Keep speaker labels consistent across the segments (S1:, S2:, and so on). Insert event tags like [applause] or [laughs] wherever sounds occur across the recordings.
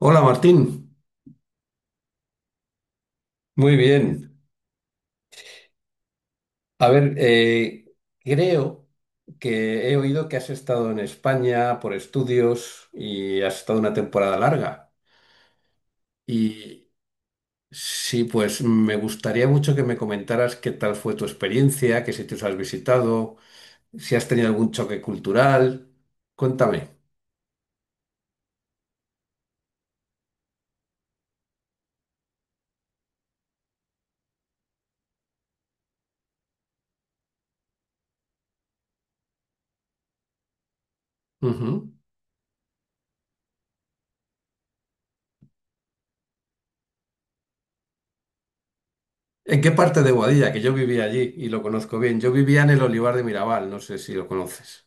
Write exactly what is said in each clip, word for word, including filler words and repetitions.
S1: Hola Martín, muy bien. A ver, eh, creo que he oído que has estado en España por estudios y has estado una temporada larga. Y sí, pues me gustaría mucho que me comentaras qué tal fue tu experiencia, qué sitios has visitado, si has tenido algún choque cultural. Cuéntame. Ujú. ¿En qué parte de Boadilla? Que yo vivía allí y lo conozco bien. Yo vivía en el Olivar de Mirabal, no sé si lo conoces.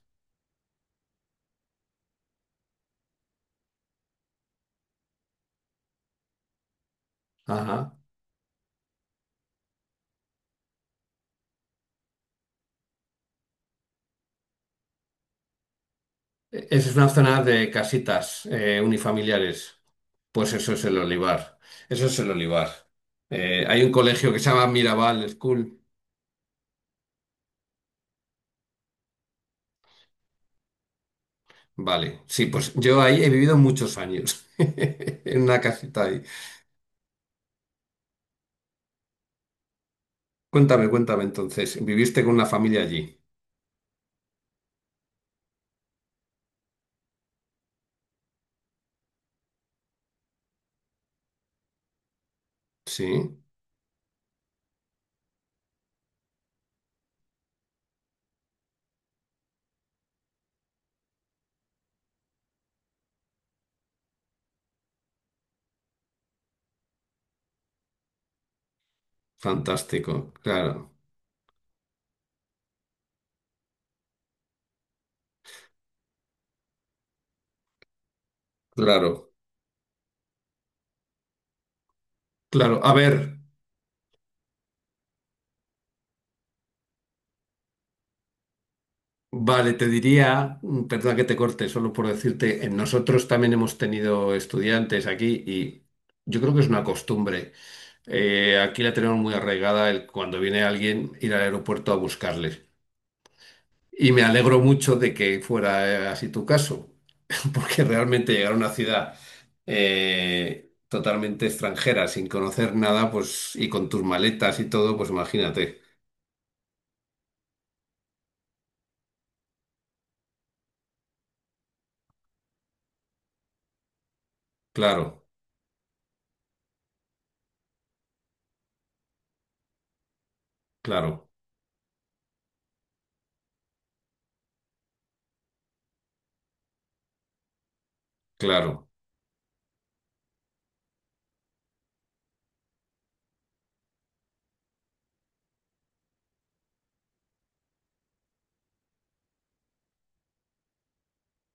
S1: Ajá. Esa es una zona de casitas eh, unifamiliares. Pues eso es el Olivar. Eso es el Olivar. Eh, hay un colegio que se llama Mirabal School. Vale, sí, pues yo ahí he vivido muchos años, [laughs] en una casita ahí. Cuéntame, cuéntame entonces, ¿viviste con una familia allí? Sí, fantástico, claro, claro, claro. A ver, vale, te diría, mm, perdona que te corte, solo por decirte, eh, nosotros también hemos tenido estudiantes aquí y yo creo que es una costumbre. Eh, aquí la tenemos muy arraigada el, cuando viene alguien ir al aeropuerto a buscarles. Y me alegro mucho de que fuera eh, así tu caso, [laughs] porque realmente llegar a una ciudad eh, totalmente extranjera, sin conocer nada, pues, y con tus maletas y todo, pues imagínate. Claro, claro, claro.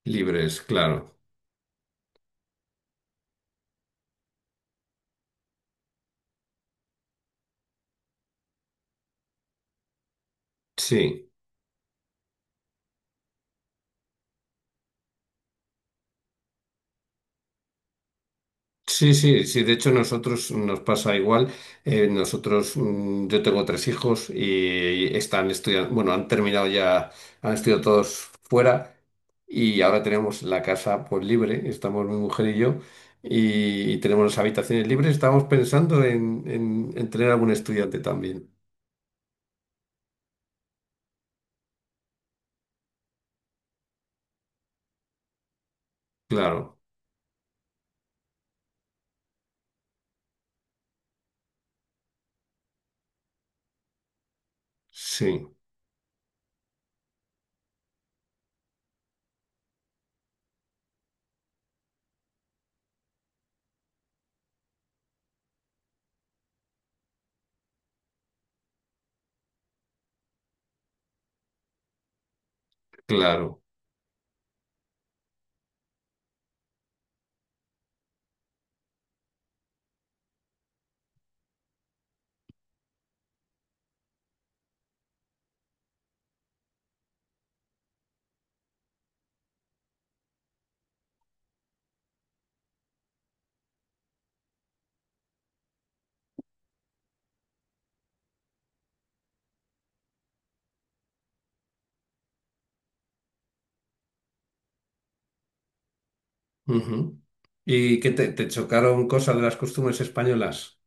S1: Libres, claro. Sí. Sí, sí, sí. De hecho, nosotros nos pasa igual. Eh, nosotros, mm, yo tengo tres hijos y están estudiando, bueno, han terminado ya, han estudiado todos fuera y ahora tenemos la casa pues libre. Estamos mi mujer y yo y, tenemos las habitaciones libres. Estamos pensando en, en, en tener algún estudiante también. Claro, sí, claro. Ujú. ¿Y qué te, te chocaron cosas de las costumbres españolas?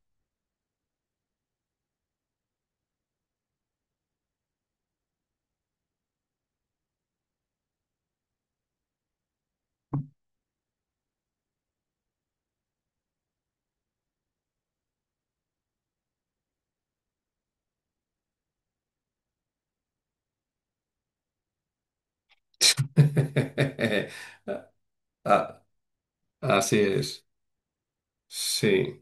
S1: [laughs] Así es. Sí,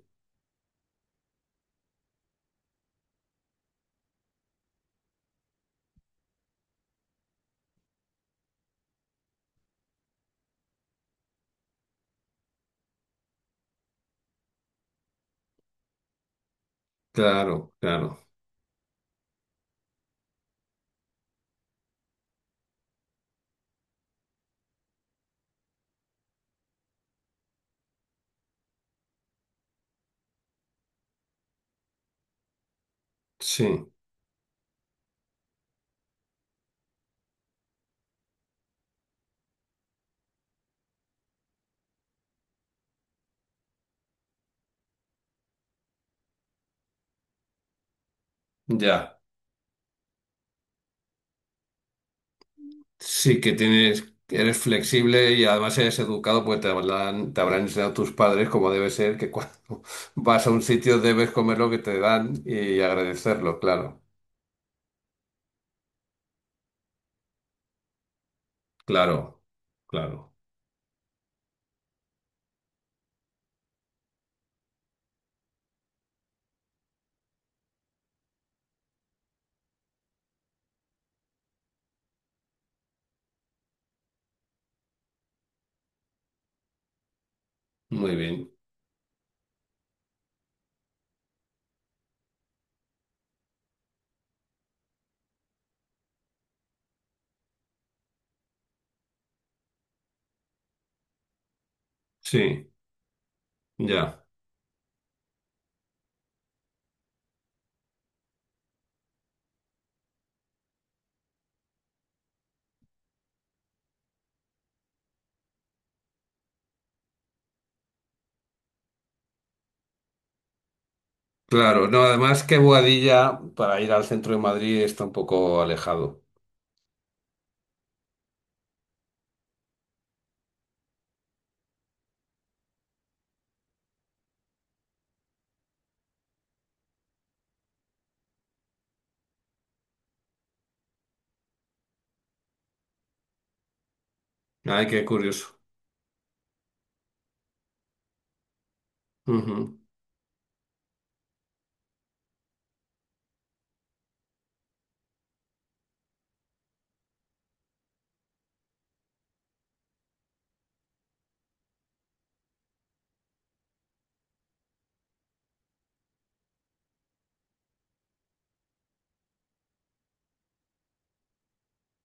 S1: claro, claro. Sí, ya. Sí que tienes, eres flexible y además eres educado, pues te habrán, te habrán enseñado tus padres como debe ser, que cuando [laughs] vas a un sitio debes comer lo que te dan y agradecerlo, claro, claro, claro. Muy bien. Sí, ya. Claro, no, además que Boadilla para ir al centro de Madrid está un poco alejado. Ay, qué curioso. Ujú,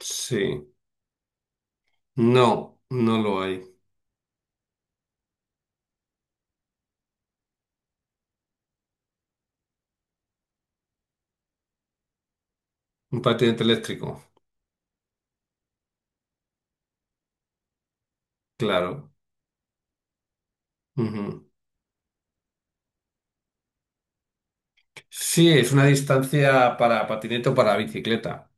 S1: sí. No, no lo hay. Un patinete eléctrico, claro. Ujú. Sí, es una distancia para patinete o para bicicleta.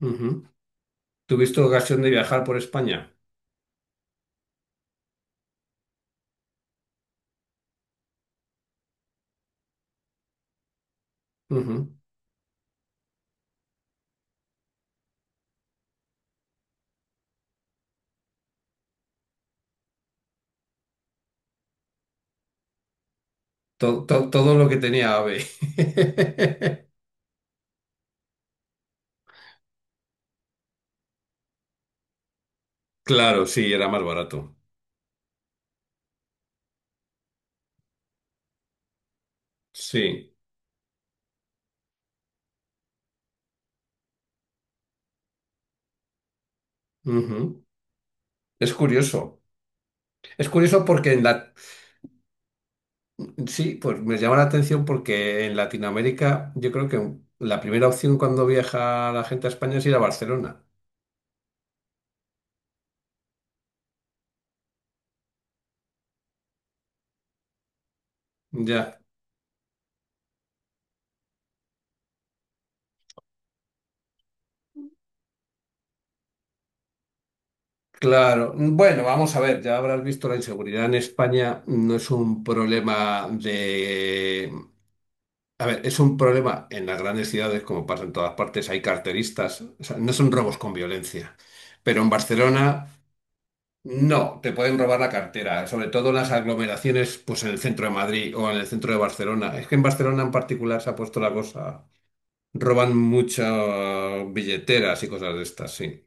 S1: Ujú. ¿Tuviste ocasión de viajar por España? Ujú. To- to- todo lo que tenía AVE. [laughs] Claro, sí, era más barato. Sí. Ujú. Es curioso. Es curioso porque en la... Sí, pues me llama la atención porque en Latinoamérica yo creo que la primera opción cuando viaja la gente a España es ir a Barcelona. Ya. Claro, bueno, vamos a ver, ya habrás visto la inseguridad en España no es un problema de... A ver, es un problema en las grandes ciudades, como pasa en todas partes, hay carteristas, o sea, no son robos con violencia, pero en Barcelona no, te pueden robar la cartera, sobre todo en las aglomeraciones, pues en el centro de Madrid o en el centro de Barcelona. Es que en Barcelona en particular se ha puesto la cosa, roban muchas billeteras y cosas de estas, sí.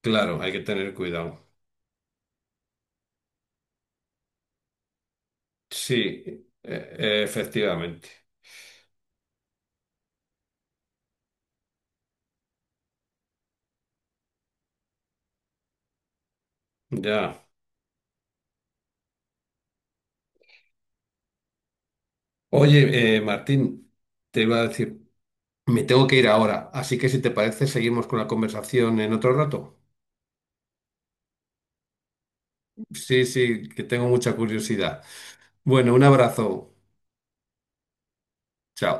S1: Claro, hay que tener cuidado. Sí, e- e- efectivamente. Ya. Oye, eh, Martín, te iba a decir, me tengo que ir ahora, así que si te parece, seguimos con la conversación en otro rato. Sí, sí, que tengo mucha curiosidad. Bueno, un abrazo. Chao.